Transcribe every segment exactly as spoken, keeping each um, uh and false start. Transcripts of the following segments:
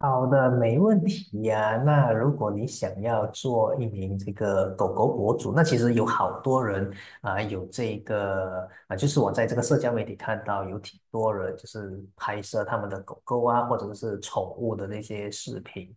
好的，没问题呀、那如果你想要做一名这个狗狗博主，那其实有好多人啊、有这个啊、就是我在这个社交媒体看到有挺多人就是拍摄他们的狗狗啊，或者是宠物的那些视频。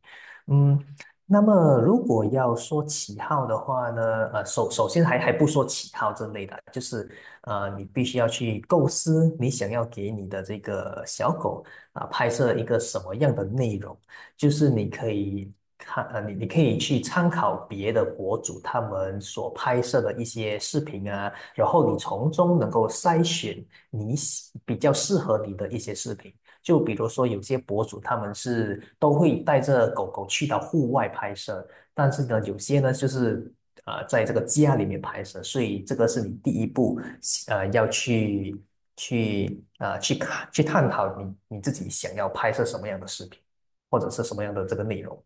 嗯，那么如果要说起号的话呢，呃，首首先还还不说起号之类的，就是呃，你必须要去构思你想要给你的这个小狗。啊拍摄一个什么样的内容，就是你可以看呃你你可以去参考别的博主他们所拍摄的一些视频啊，然后你从中能够筛选你喜比较适合你的一些视频。就比如说有些博主他们是都会带着狗狗去到户外拍摄，但是呢，有些呢就是啊、在这个家里面拍摄，所以这个是你第一步，呃，要去去啊、去看去探讨你你自己想要拍摄什么样的视频，或者是什么样的这个内容。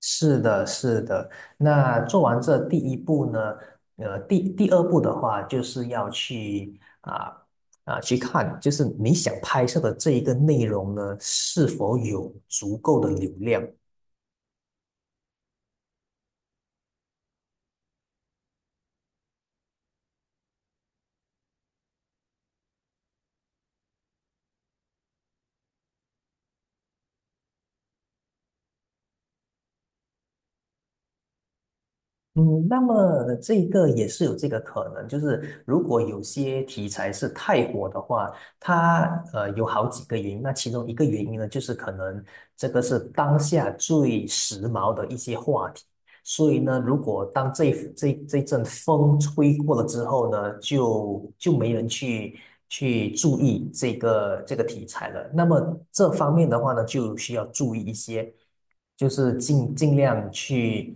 是的，是的。那做完这第一步呢，呃，第第二步的话，就是要去啊啊、去看，就是你想拍摄的这一个内容呢，是否有足够的流量。嗯，那么这个也是有这个可能，就是如果有些题材是太火的话，它呃有好几个原因。那其中一个原因呢，就是可能这个是当下最时髦的一些话题。所以呢，如果当这一这一这一阵风吹过了之后呢，就就没人去去注意这个这个题材了。那么这方面的话呢，就需要注意一些，就是尽尽量去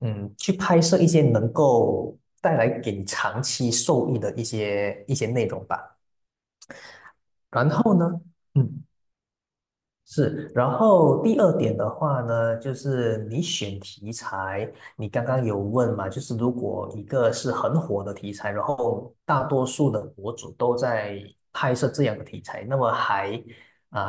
嗯去拍摄一些能够带来给你长期受益的一些一些内容吧。然后呢，嗯。是，然后第二点的话呢，就是你选题材，你刚刚有问嘛，就是如果一个是很火的题材，然后大多数的博主都在拍摄这样的题材，那么还啊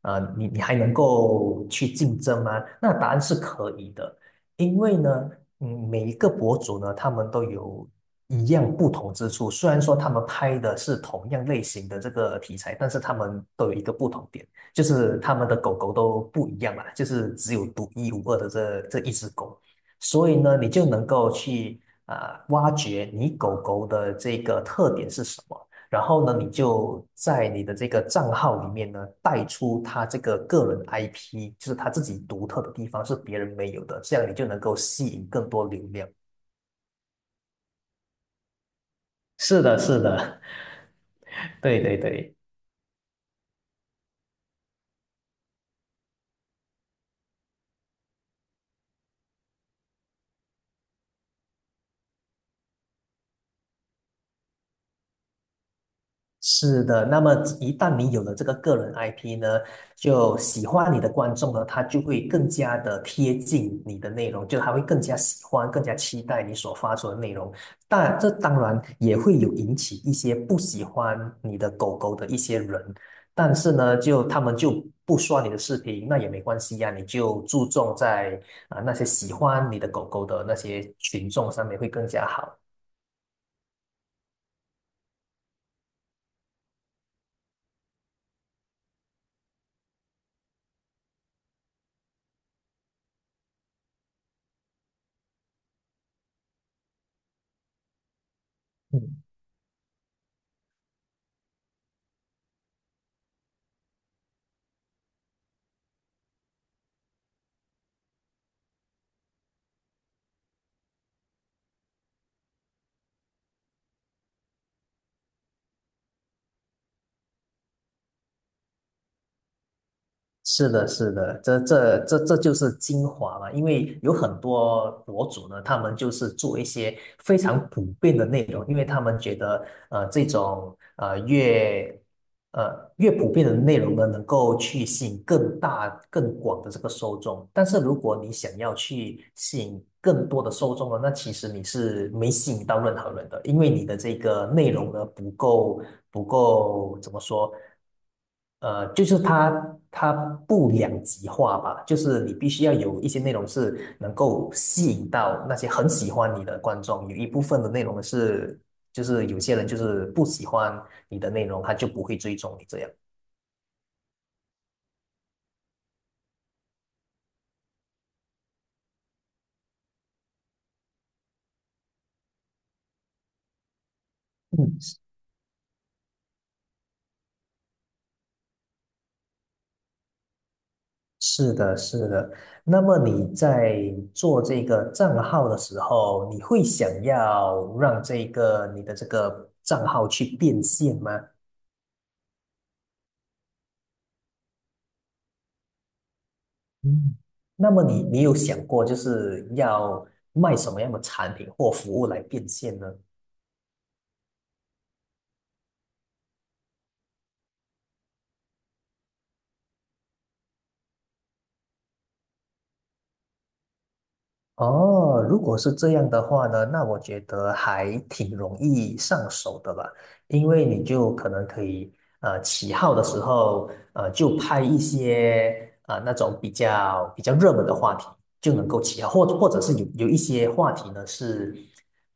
啊，呃你你还能够去竞争吗？那答案是可以的，因为呢，嗯，每一个博主呢，他们都有。一样不同之处，虽然说他们拍的是同样类型的这个题材，但是他们都有一个不同点。就是他们的狗狗都不一样嘛，就是只有独一无二的这这一只狗，所以呢，你就能够去啊、呃挖掘你狗狗的这个特点是什么，然后呢，你就在你的这个账号里面呢带出它这个个人 I P，就是它自己独特的地方是别人没有的，这样你就能够吸引更多流量。是的，是的，对对对。是的，那么一旦你有了这个个人 I P 呢，就喜欢你的观众呢，他就会更加的贴近你的内容，就他会更加喜欢、更加期待你所发出的内容。但这当然也会有引起一些不喜欢你的狗狗的一些人，但是呢，就他们就不刷你的视频，那也没关系呀、你就注重在啊、那些喜欢你的狗狗的那些群众上面会更加好。嗯。是的，是的，这这这这就是精华嘛，因为有很多博主呢，他们就是做一些非常普遍的内容，因为他们觉得，呃，这种呃越呃越普遍的内容呢，能够去吸引更大、更广的这个受众。但是如果你想要去吸引更多的受众呢，那其实你是没吸引到任何人的，因为你的这个内容呢不够不够怎么说？呃，就是它它不两极化吧，就是你必须要有一些内容是能够吸引到那些很喜欢你的观众，有一部分的内容是就是有些人就是不喜欢你的内容，他就不会追踪你这样。嗯，是的，是的。那么你在做这个账号的时候，你会想要让这个你的这个账号去变现吗？嗯那么你你有想过就是要卖什么样的产品或服务来变现呢？哦，如果是这样的话呢，那我觉得还挺容易上手的吧，因为你就可能可以，呃，起号的时候，呃，就拍一些啊、呃那种比较比较热门的话题，就能够起号，或或者是有有一些话题呢是，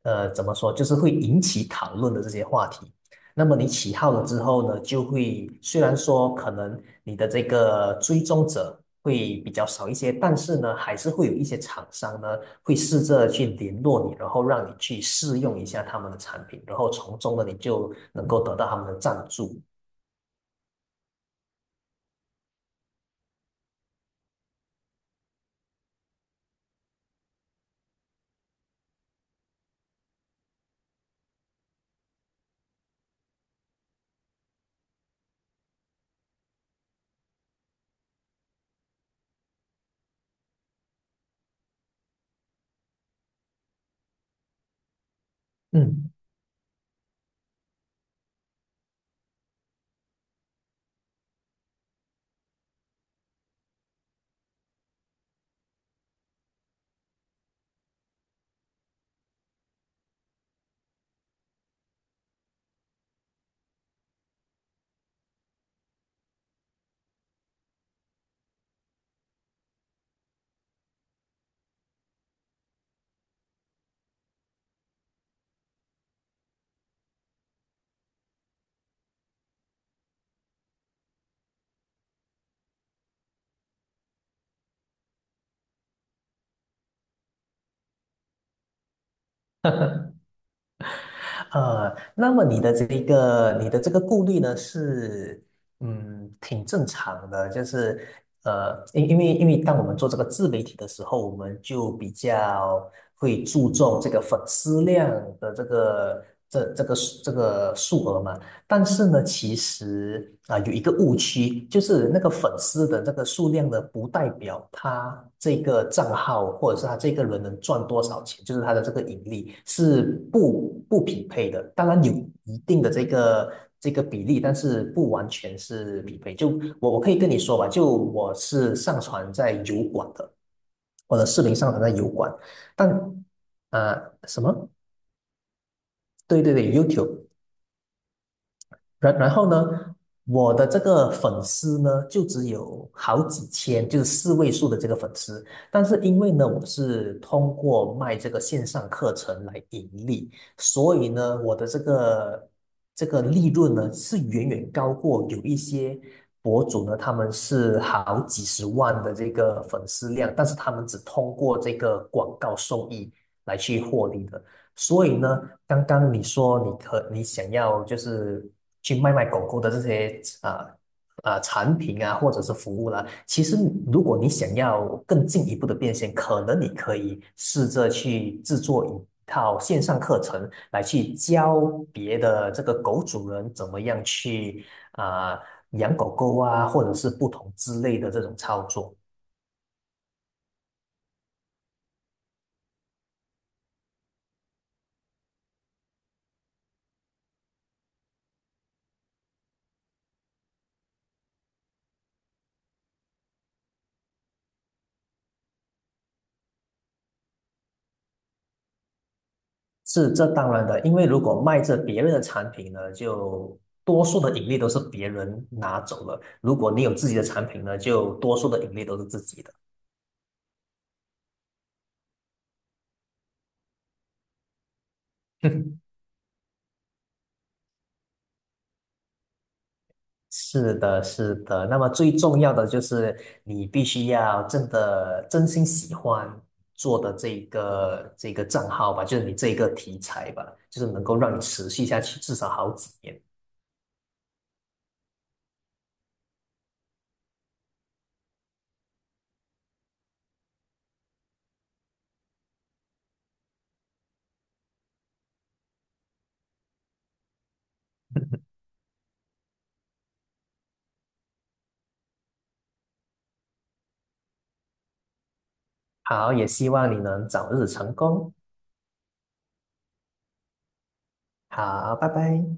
呃，怎么说，就是会引起讨论的这些话题，那么你起号了之后呢，就会虽然说可能你的这个追踪者会比较少一些，但是呢，还是会有一些厂商呢会试着去联络你，然后让你去试用一下他们的产品，然后从中呢你就能够得到他们的赞助。嗯。呃，那么你的这一个，你的这个顾虑呢，是嗯，挺正常的，就是呃，因因为因为当我们做这个自媒体的时候，我们就比较会注重这个粉丝量的这个这这个这个数额嘛，但是呢，其实啊、有一个误区，就是那个粉丝的这个数量呢，不代表他这个账号或者是他这个人能赚多少钱，就是他的这个盈利是不不匹配的。当然有一定的这个这个比例，但是不完全是匹配。就我我可以跟你说吧，就我是上传在油管的，我的视频上传在油管，但啊什么？对对对，YouTube。然然后呢，我的这个粉丝呢，就只有好几千，就是四位数的这个粉丝。但是因为呢，我是通过卖这个线上课程来盈利，所以呢，我的这个这个利润呢，是远远高过有一些博主呢，他们是好几十万的这个粉丝量，但是他们只通过这个广告收益来去获利的。所以呢，刚刚你说你可你想要就是去卖卖狗狗的这些啊啊、产品啊，或者是服务啦，其实如果你想要更进一步的变现，可能你可以试着去制作一套线上课程，来去教别的这个狗主人怎么样去啊、养狗狗啊，或者是不同之类的这种操作。是这当然的，因为如果卖着别人的产品呢，就多数的盈利都是别人拿走了；如果你有自己的产品呢，就多数的盈利都是自己的。是的，是的。那么最重要的就是你必须要真的真心喜欢做的这个这个账号吧，就是你这个题材吧，就是能够让你持续下去至少好几年。好，也希望你能早日成功。好，拜拜。